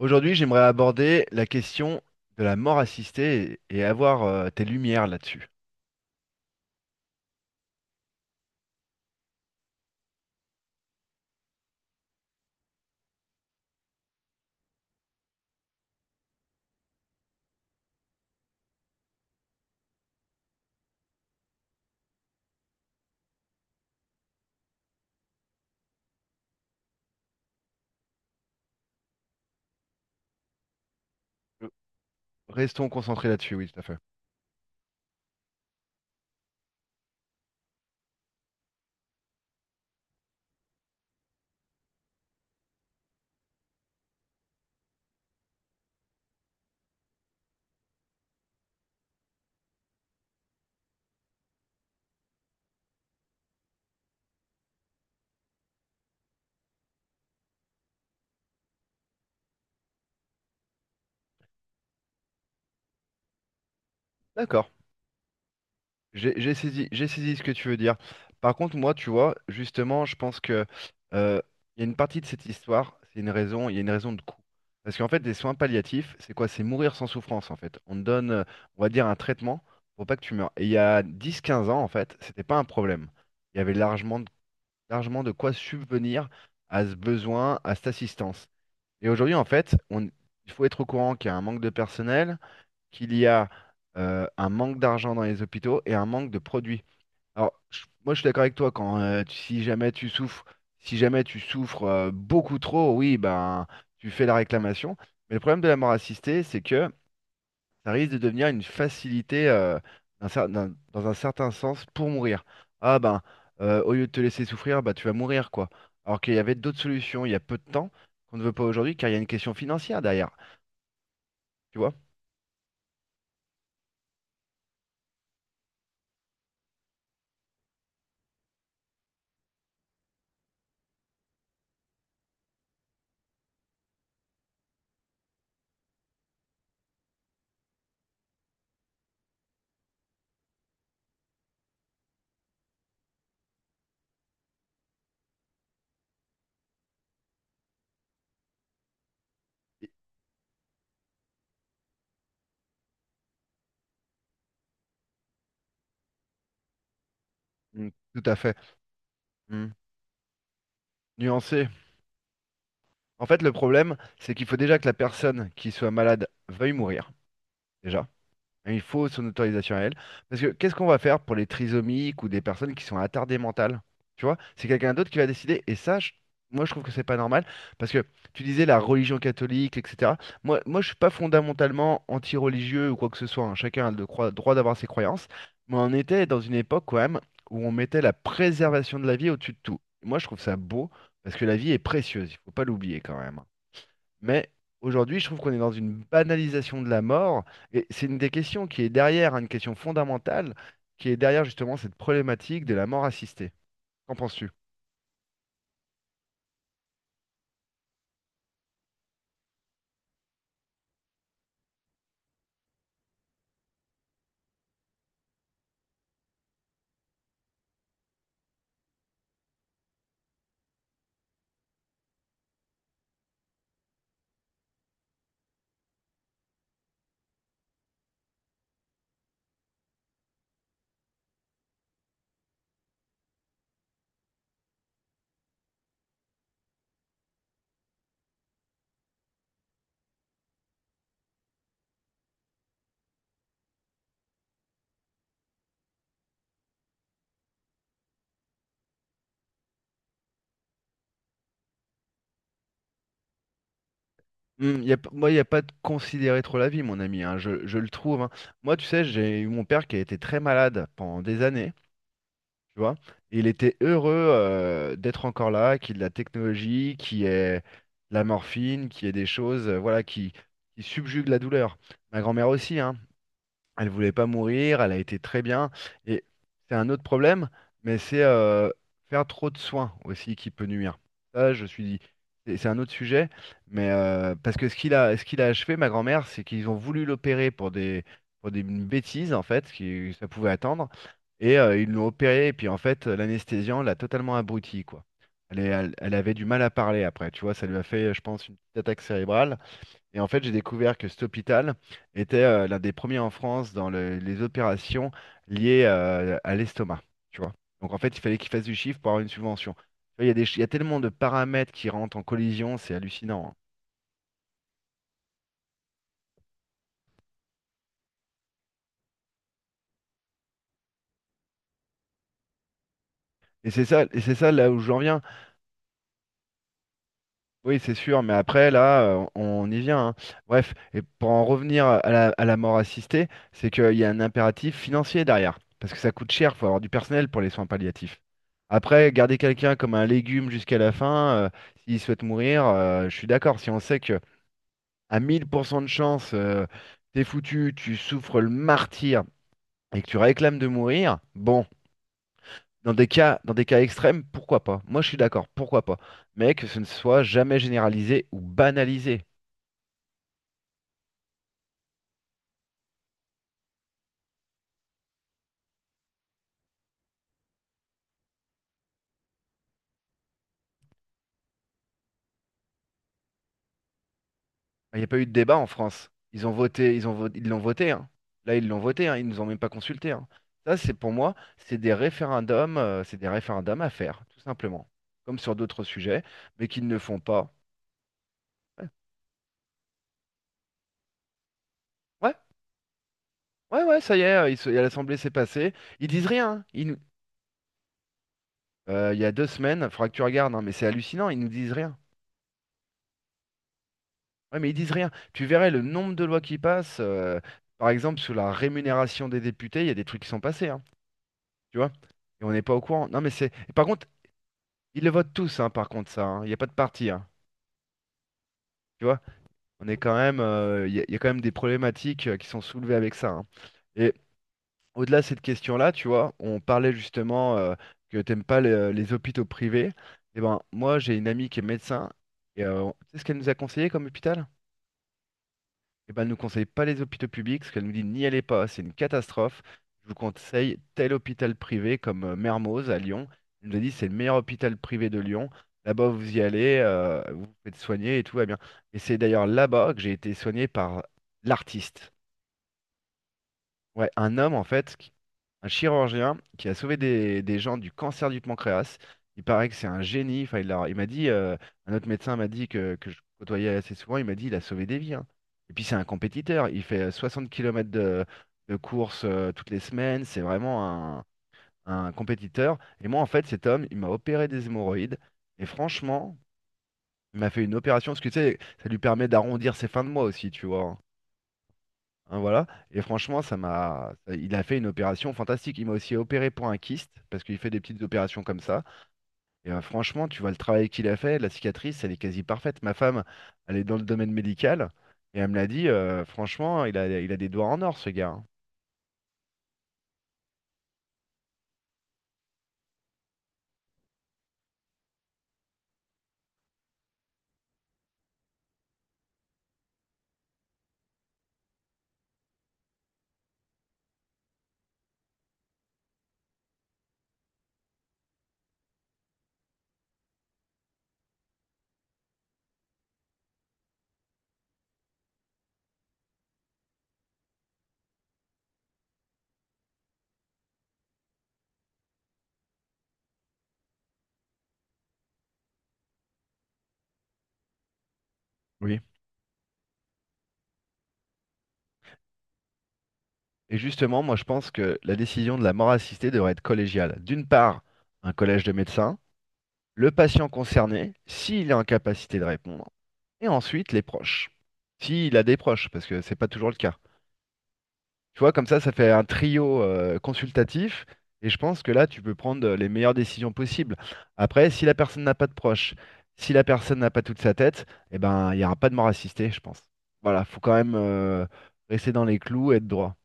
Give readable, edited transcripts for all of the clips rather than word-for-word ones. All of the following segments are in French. Aujourd'hui, j'aimerais aborder la question de la mort assistée et avoir tes lumières là-dessus. Restons concentrés là-dessus, oui, tout à fait. D'accord. J'ai saisi, j'ai saisi ce que tu veux dire. Par contre, moi, tu vois, justement, je pense que euh, il y a une partie de cette histoire, c'est une raison, il y a une raison de coût. Parce qu'en fait, les soins palliatifs, c'est quoi? C'est mourir sans souffrance, en fait. On te donne, on va dire, un traitement pour pas que tu meurs. Et il y a 10, 15 ans, en fait, c'était pas un problème. Il y avait largement de quoi subvenir à ce besoin, à cette assistance. Et aujourd'hui, en fait, il faut être au courant qu'il y a un manque de personnel, qu'il y a un manque d'argent dans les hôpitaux et un manque de produits. Alors, moi, je suis d'accord avec toi quand si jamais tu souffres beaucoup trop, oui, ben tu fais la réclamation. Mais le problème de la mort assistée, c'est que ça risque de devenir une facilité dans un certain sens pour mourir. Ah ben, au lieu de te laisser souffrir, bah tu vas mourir quoi. Alors qu'il y avait d'autres solutions il y a peu de temps qu'on ne veut pas aujourd'hui car il y a une question financière derrière, tu vois? Mm, tout à fait. Mm. Nuancé. En fait, le problème, c'est qu'il faut déjà que la personne qui soit malade veuille mourir, déjà. Et il faut son autorisation à elle. Parce que qu'est-ce qu'on va faire pour les trisomiques ou des personnes qui sont attardées mentales? Tu vois, c'est quelqu'un d'autre qui va décider. Et ça, moi, je trouve que c'est pas normal. Parce que tu disais la religion catholique, etc. Moi, je suis pas fondamentalement anti-religieux ou quoi que ce soit, hein. Chacun a le droit d'avoir ses croyances. Mais on était dans une époque, quand même, où on mettait la préservation de la vie au-dessus de tout. Moi, je trouve ça beau parce que la vie est précieuse. Il faut pas l'oublier, quand même, hein. Mais aujourd'hui, je trouve qu'on est dans une banalisation de la mort. Et c'est une des questions qui est derrière, hein, une question fondamentale, qui est derrière justement cette problématique de la mort assistée. Qu'en penses-tu? Moi, il n'y a pas de considérer trop la vie, mon ami, hein, je le trouve, hein. Moi, tu sais, j'ai eu mon père qui a été très malade pendant des années, tu vois. Et il était heureux d'être encore là, qu'il y ait de la technologie, qu'il y ait de la morphine, qu'il y ait des choses, voilà, qui subjuguent la douleur. Ma grand-mère aussi, hein. Elle voulait pas mourir, elle a été très bien. Et c'est un autre problème, mais c'est faire trop de soins aussi qui peut nuire. Ça, je suis dit, c'est un autre sujet, mais parce que ce qu'il a achevé, ma grand-mère, c'est qu'ils ont voulu l'opérer pour pour des bêtises en fait, qui ça pouvait attendre, et ils l'ont opéré, et puis en fait, l'anesthésiant l'a totalement abruti, quoi. Elle avait du mal à parler après, tu vois, ça lui a fait, je pense, une petite attaque cérébrale. Et en fait, j'ai découvert que cet hôpital était l'un des premiers en France dans les opérations liées à l'estomac. Tu vois. Donc en fait, il fallait qu'il fasse du chiffre pour avoir une subvention. Tu vois, il y a il y a tellement de paramètres qui rentrent en collision, c'est hallucinant, hein. Et c'est ça là où j'en viens. Oui, c'est sûr, mais après, là, on y vient, hein. Bref, et pour en revenir à à la mort assistée, c'est qu'il y a un impératif financier derrière, parce que ça coûte cher, il faut avoir du personnel pour les soins palliatifs. Après, garder quelqu'un comme un légume jusqu'à la fin, s'il souhaite mourir, je suis d'accord. Si on sait que à 1000% de chance, t'es foutu, tu souffres le martyre et que tu réclames de mourir, bon, dans des cas extrêmes, pourquoi pas? Moi, je suis d'accord, pourquoi pas? Mais que ce ne soit jamais généralisé ou banalisé. Il n'y a pas eu de débat en France. Ils l'ont voté, hein. Là, ils l'ont voté, hein, ils nous ont même pas consulté, hein. Ça, c'est pour moi, c'est des référendums à faire, tout simplement. Comme sur d'autres sujets, mais qu'ils ne font pas. Ouais, ouais, ouais, ouais, ça y est, l'Assemblée s'est passée. Ils disent rien, hein. Il y a 2 semaines, il faudra que tu regardes, hein, mais c'est hallucinant, ils nous disent rien. Ouais, mais ils disent rien. Tu verrais le nombre de lois qui passent. Par exemple, sur la rémunération des députés, il y a des trucs qui sont passés, hein, tu vois? Et on n'est pas au courant. Non, mais c'est. Par contre, ils le votent tous, hein, par contre, ça, hein. Il n'y a pas de parti, hein. Tu vois, on est quand même, il y a quand même des problématiques qui sont soulevées avec ça, hein. Et au-delà de cette question-là, tu vois, on parlait justement que t'aimes pas les hôpitaux privés. Et ben, moi, j'ai une amie qui est médecin. Et tu sais ce qu'elle nous a conseillé comme hôpital? Eh ben, elle ne nous conseille pas les hôpitaux publics, parce qu'elle nous dit n'y allez pas, c'est une catastrophe. Je vous conseille tel hôpital privé comme Mermoz à Lyon. Elle nous a dit c'est le meilleur hôpital privé de Lyon. Là-bas, vous y allez, vous vous faites soigner et tout va bien. Et c'est d'ailleurs là-bas que j'ai été soigné par l'artiste. Ouais, un homme en fait, un chirurgien qui a sauvé des gens du cancer du pancréas. Il paraît que c'est un génie. Enfin, il m'a dit, un autre médecin m'a dit que je côtoyais assez souvent, il m'a dit il a sauvé des vies, hein. Et puis c'est un compétiteur. Il fait 60 km de course toutes les semaines. C'est vraiment un compétiteur. Et moi en fait, cet homme, il m'a opéré des hémorroïdes. Et franchement, il m'a fait une opération parce que tu sais, ça lui permet d'arrondir ses fins de mois aussi, tu vois, hein. Hein, voilà. Et franchement, il a fait une opération fantastique. Il m'a aussi opéré pour un kyste, parce qu'il fait des petites opérations comme ça. Et franchement, tu vois le travail qu'il a fait, la cicatrice, elle est quasi parfaite. Ma femme, elle est dans le domaine médical. Et elle me l'a dit, franchement, il a des doigts en or, ce gars, hein. Oui. Et justement, moi, je pense que la décision de la mort assistée devrait être collégiale. D'une part, un collège de médecins, le patient concerné, s'il est en capacité de répondre, et ensuite les proches. S'il a des proches, parce que c'est pas toujours le cas. Tu vois, comme ça fait un trio consultatif. Et je pense que là, tu peux prendre les meilleures décisions possibles. Après, si la personne n'a pas de proche, si la personne n'a pas toute sa tête, eh ben, il n'y aura pas de mort assistée, je pense. Voilà, faut quand même rester dans les clous et être droit.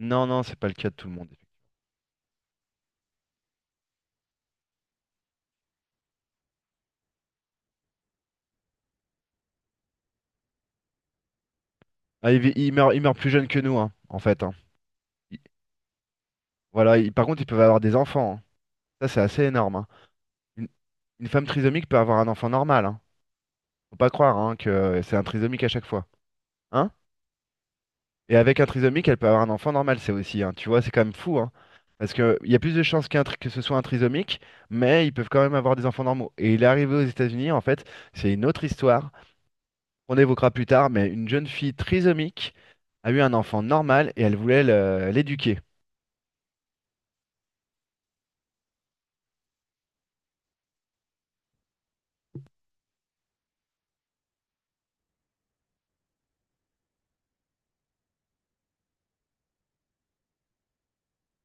Non, non, c'est pas le cas de tout le monde. Ah, ils meurent plus jeunes que nous, hein, en fait, hein. Ils- Voilà, par contre, ils peuvent avoir des enfants, hein. Ça, c'est assez énorme, hein. Une, une femme trisomique peut avoir un enfant normal, hein. Faut pas croire hein, que c'est un trisomique à chaque fois. Hein. Et avec un trisomique, elle peut avoir un enfant normal, c'est aussi, hein, tu vois, c'est quand même fou, hein. Parce qu'il y a plus de chances que ce soit un trisomique, mais ils peuvent quand même avoir des enfants normaux. Et il est arrivé aux États-Unis, en fait, c'est une autre histoire qu'on évoquera plus tard, mais une jeune fille trisomique a eu un enfant normal et elle voulait l'éduquer.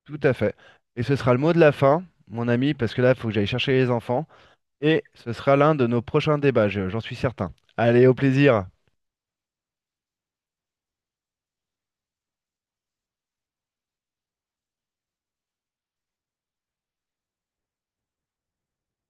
Tout à fait. Et ce sera le mot de la fin, mon ami, parce que là, il faut que j'aille chercher les enfants. Et ce sera l'un de nos prochains débats, j'en suis certain. Allez, au plaisir.